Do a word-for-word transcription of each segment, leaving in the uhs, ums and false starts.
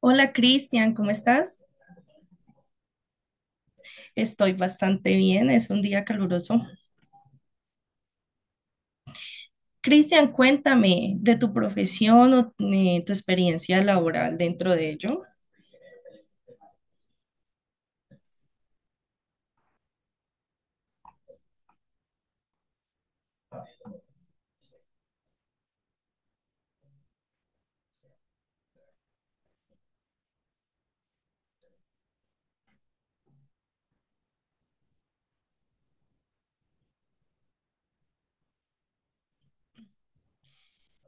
Hola Cristian, ¿cómo estás? Estoy bastante bien, es un día caluroso. Cristian, cuéntame de tu profesión o eh, tu experiencia laboral dentro de ello.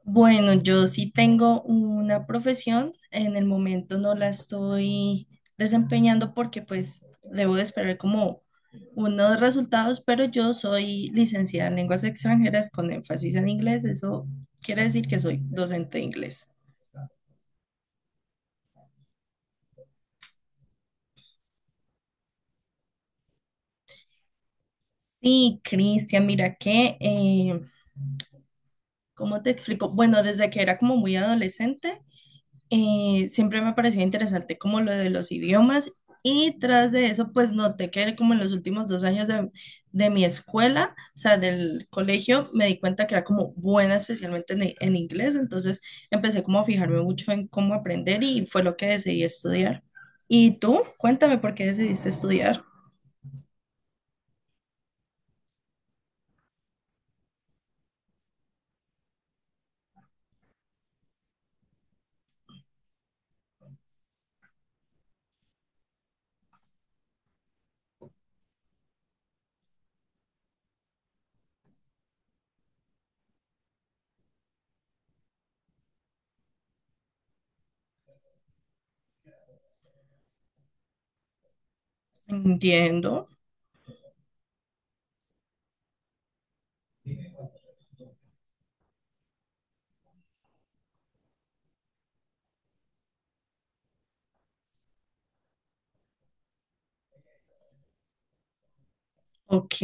Bueno, yo sí tengo una profesión, en el momento no la estoy desempeñando porque pues debo de esperar como unos resultados, pero yo soy licenciada en lenguas extranjeras con énfasis en inglés, eso quiere decir que soy docente de inglés. Sí, Cristian, mira que... eh, ¿cómo te explico? Bueno, desde que era como muy adolescente, eh, siempre me pareció interesante como lo de los idiomas, y tras de eso, pues noté que como en los últimos dos años de, de mi escuela, o sea, del colegio, me di cuenta que era como buena especialmente en, en inglés, entonces empecé como a fijarme mucho en cómo aprender y fue lo que decidí estudiar. ¿Y tú? Cuéntame por qué decidiste estudiar. Entiendo. Ok.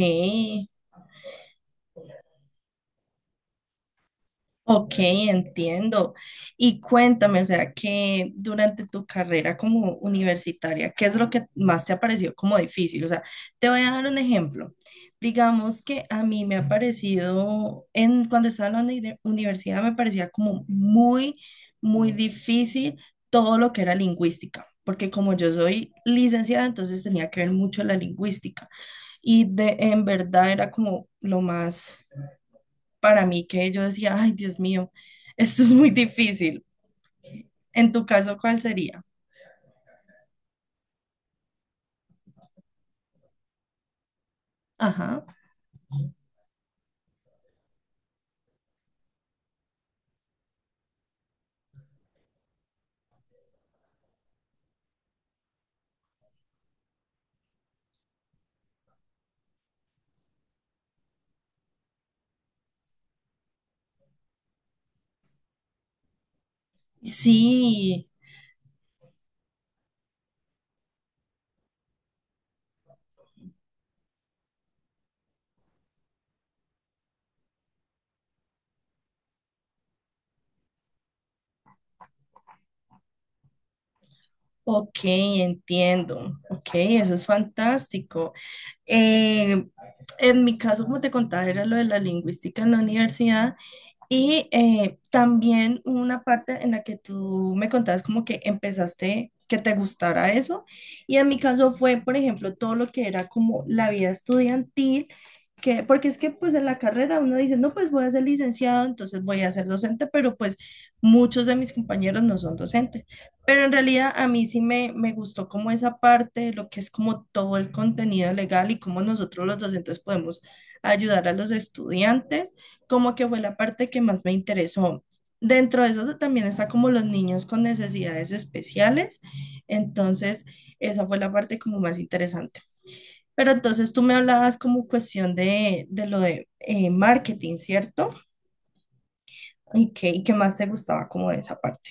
Ok, entiendo. Y cuéntame, o sea, que durante tu carrera como universitaria, ¿qué es lo que más te ha parecido como difícil? O sea, te voy a dar un ejemplo. Digamos que a mí me ha parecido, en, cuando estaba en la uni- universidad, me parecía como muy, muy difícil todo lo que era lingüística, porque como yo soy licenciada, entonces tenía que ver mucho la lingüística. Y de, en verdad era como lo más para mí que yo decía, ay, Dios mío, esto es muy difícil. En tu caso, ¿cuál sería? Ajá. Sí, ok, entiendo. Ok, eso es fantástico. Eh, en mi caso, como te contaba, era lo de la lingüística en la universidad. Y eh, también hubo una parte en la que tú me contabas como que empezaste que te gustara eso. Y en mi caso fue, por ejemplo, todo lo que era como la vida estudiantil, que, porque es que pues en la carrera uno dice, no, pues voy a ser licenciado, entonces voy a ser docente, pero pues muchos de mis compañeros no son docentes. Pero en realidad a mí sí me, me gustó como esa parte, lo que es como todo el contenido legal y cómo nosotros los docentes podemos ayudar a los estudiantes, como que fue la parte que más me interesó. Dentro de eso también está como los niños con necesidades especiales, entonces esa fue la parte como más interesante. Pero entonces tú me hablabas como cuestión de, de lo de eh, marketing, ¿cierto? ¿Y qué, y qué más te gustaba como de esa parte?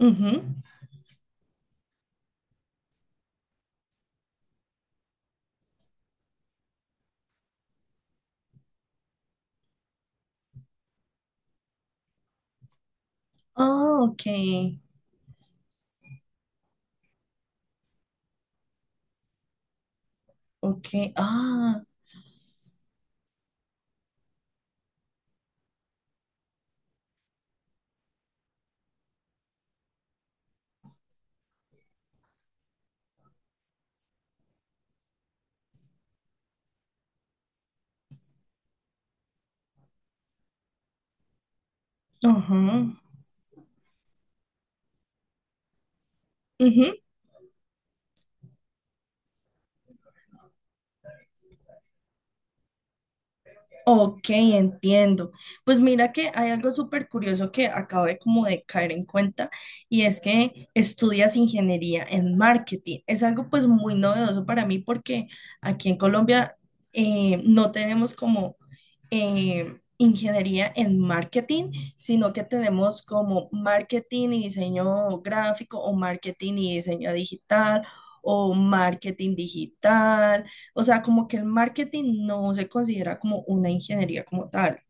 Ujú. Ah, ok, ok, ah, ajá, ujú. Ok, entiendo. Pues mira que hay algo súper curioso que acabo de como de caer en cuenta, y es que estudias ingeniería en marketing. Es algo pues muy novedoso para mí porque aquí en Colombia eh, no tenemos como eh, ingeniería en marketing, sino que tenemos como marketing y diseño gráfico, o marketing y diseño digital, o marketing digital. O sea, como que el marketing no se considera como una ingeniería como tal.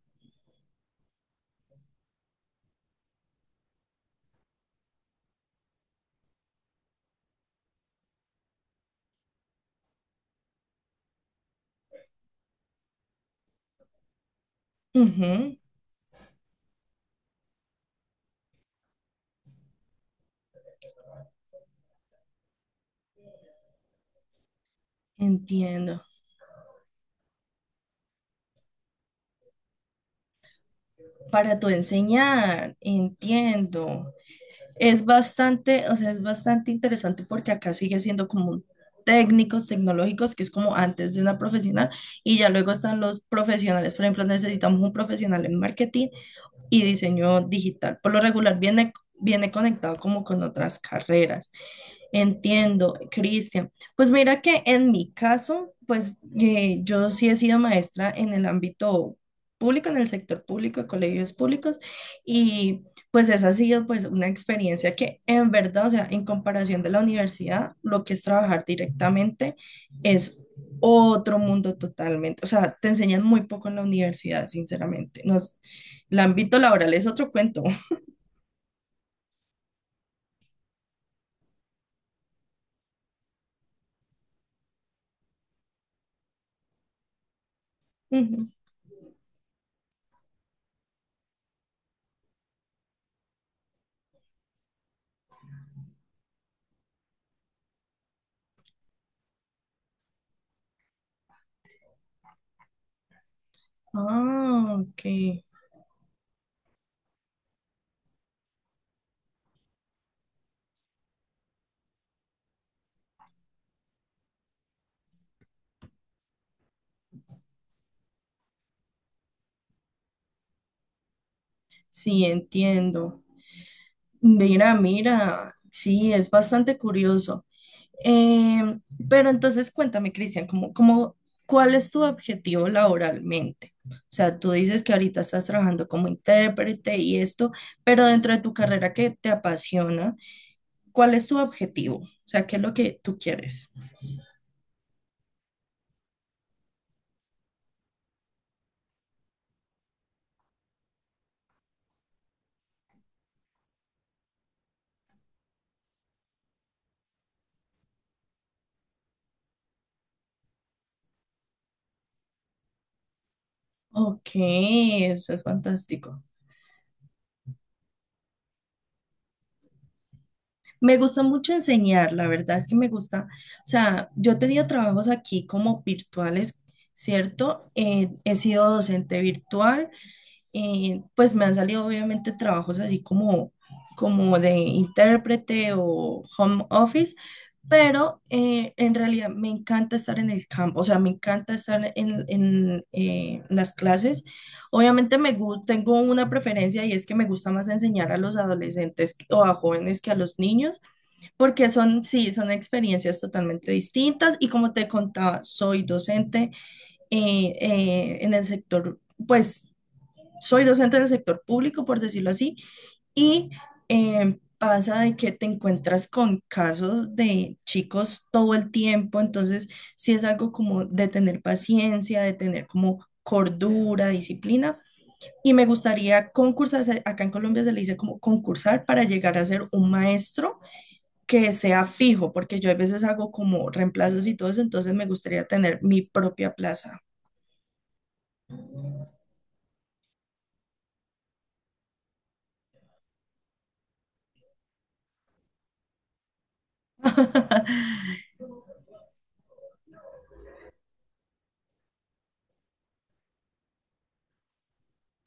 Ujú, entiendo. Para tu enseñar, entiendo. Es bastante, o sea, es bastante interesante porque acá sigue siendo como técnicos tecnológicos, que es como antes de una profesional, y ya luego están los profesionales. Por ejemplo, necesitamos un profesional en marketing y diseño digital. Por lo regular viene, viene conectado como con otras carreras. Entiendo, Cristian. Pues mira que en mi caso, pues eh, yo sí he sido maestra en el ámbito público, en el sector público, de colegios públicos, y pues esa ha sido pues una experiencia que en verdad, o sea, en comparación de la universidad, lo que es trabajar directamente es otro mundo totalmente. O sea, te enseñan muy poco en la universidad, sinceramente. Nos, el ámbito laboral es otro cuento. Ujú. Ah, ok. Sí, entiendo. Mira, mira. Sí, es bastante curioso. Eh, pero entonces cuéntame, Cristian, ¿cómo, cómo, cuál es tu objetivo laboralmente? O sea, tú dices que ahorita estás trabajando como intérprete y esto, pero dentro de tu carrera que te apasiona, ¿cuál es tu objetivo? O sea, ¿qué es lo que tú quieres? Ok, eso es fantástico. Me gusta mucho enseñar, la verdad es que me gusta, o sea, yo tenía trabajos aquí como virtuales, ¿cierto? Eh, he sido docente virtual, eh, pues me han salido obviamente trabajos así como, como de intérprete o home office, pero eh, en realidad me encanta estar en el campo, o sea, me encanta estar en, en, eh, las clases. Obviamente me gu- tengo una preferencia y es que me gusta más enseñar a los adolescentes que- o a jóvenes que a los niños, porque son, sí, son experiencias totalmente distintas y como te contaba, soy docente eh, eh, en el sector, pues soy docente del sector público, por decirlo así, y eh, pasa de que te encuentras con casos de chicos todo el tiempo, entonces sí es algo como de tener paciencia, de tener como cordura, disciplina. Y me gustaría concursar, eh, acá en Colombia se le dice como concursar para llegar a ser un maestro que sea fijo, porque yo a veces hago como reemplazos y todo eso, entonces me gustaría tener mi propia plaza.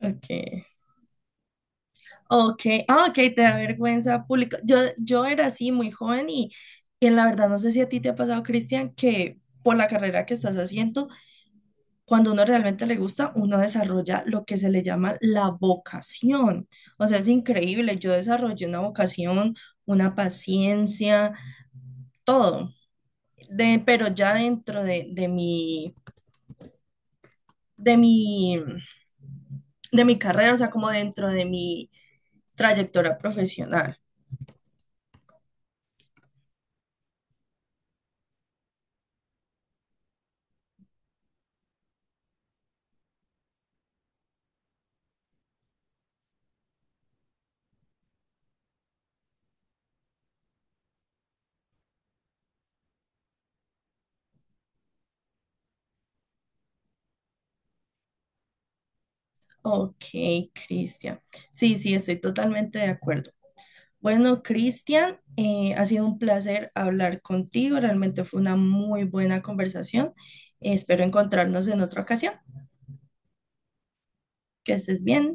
Ok. Ok, ah, ok, te da vergüenza pública. Yo, yo era así muy joven y, y en la verdad no sé si a ti te ha pasado, Cristian, que por la carrera que estás haciendo, cuando uno realmente le gusta, uno desarrolla lo que se le llama la vocación. O sea, es increíble. Yo desarrollé una vocación, una paciencia, todo. De, pero ya dentro de, de mi, de mi, de mi carrera, o sea, como dentro de mi trayectoria profesional. Ok, Cristian. Sí, sí, estoy totalmente de acuerdo. Bueno, Cristian, eh, ha sido un placer hablar contigo. Realmente fue una muy buena conversación. Espero encontrarnos en otra ocasión. Que estés bien.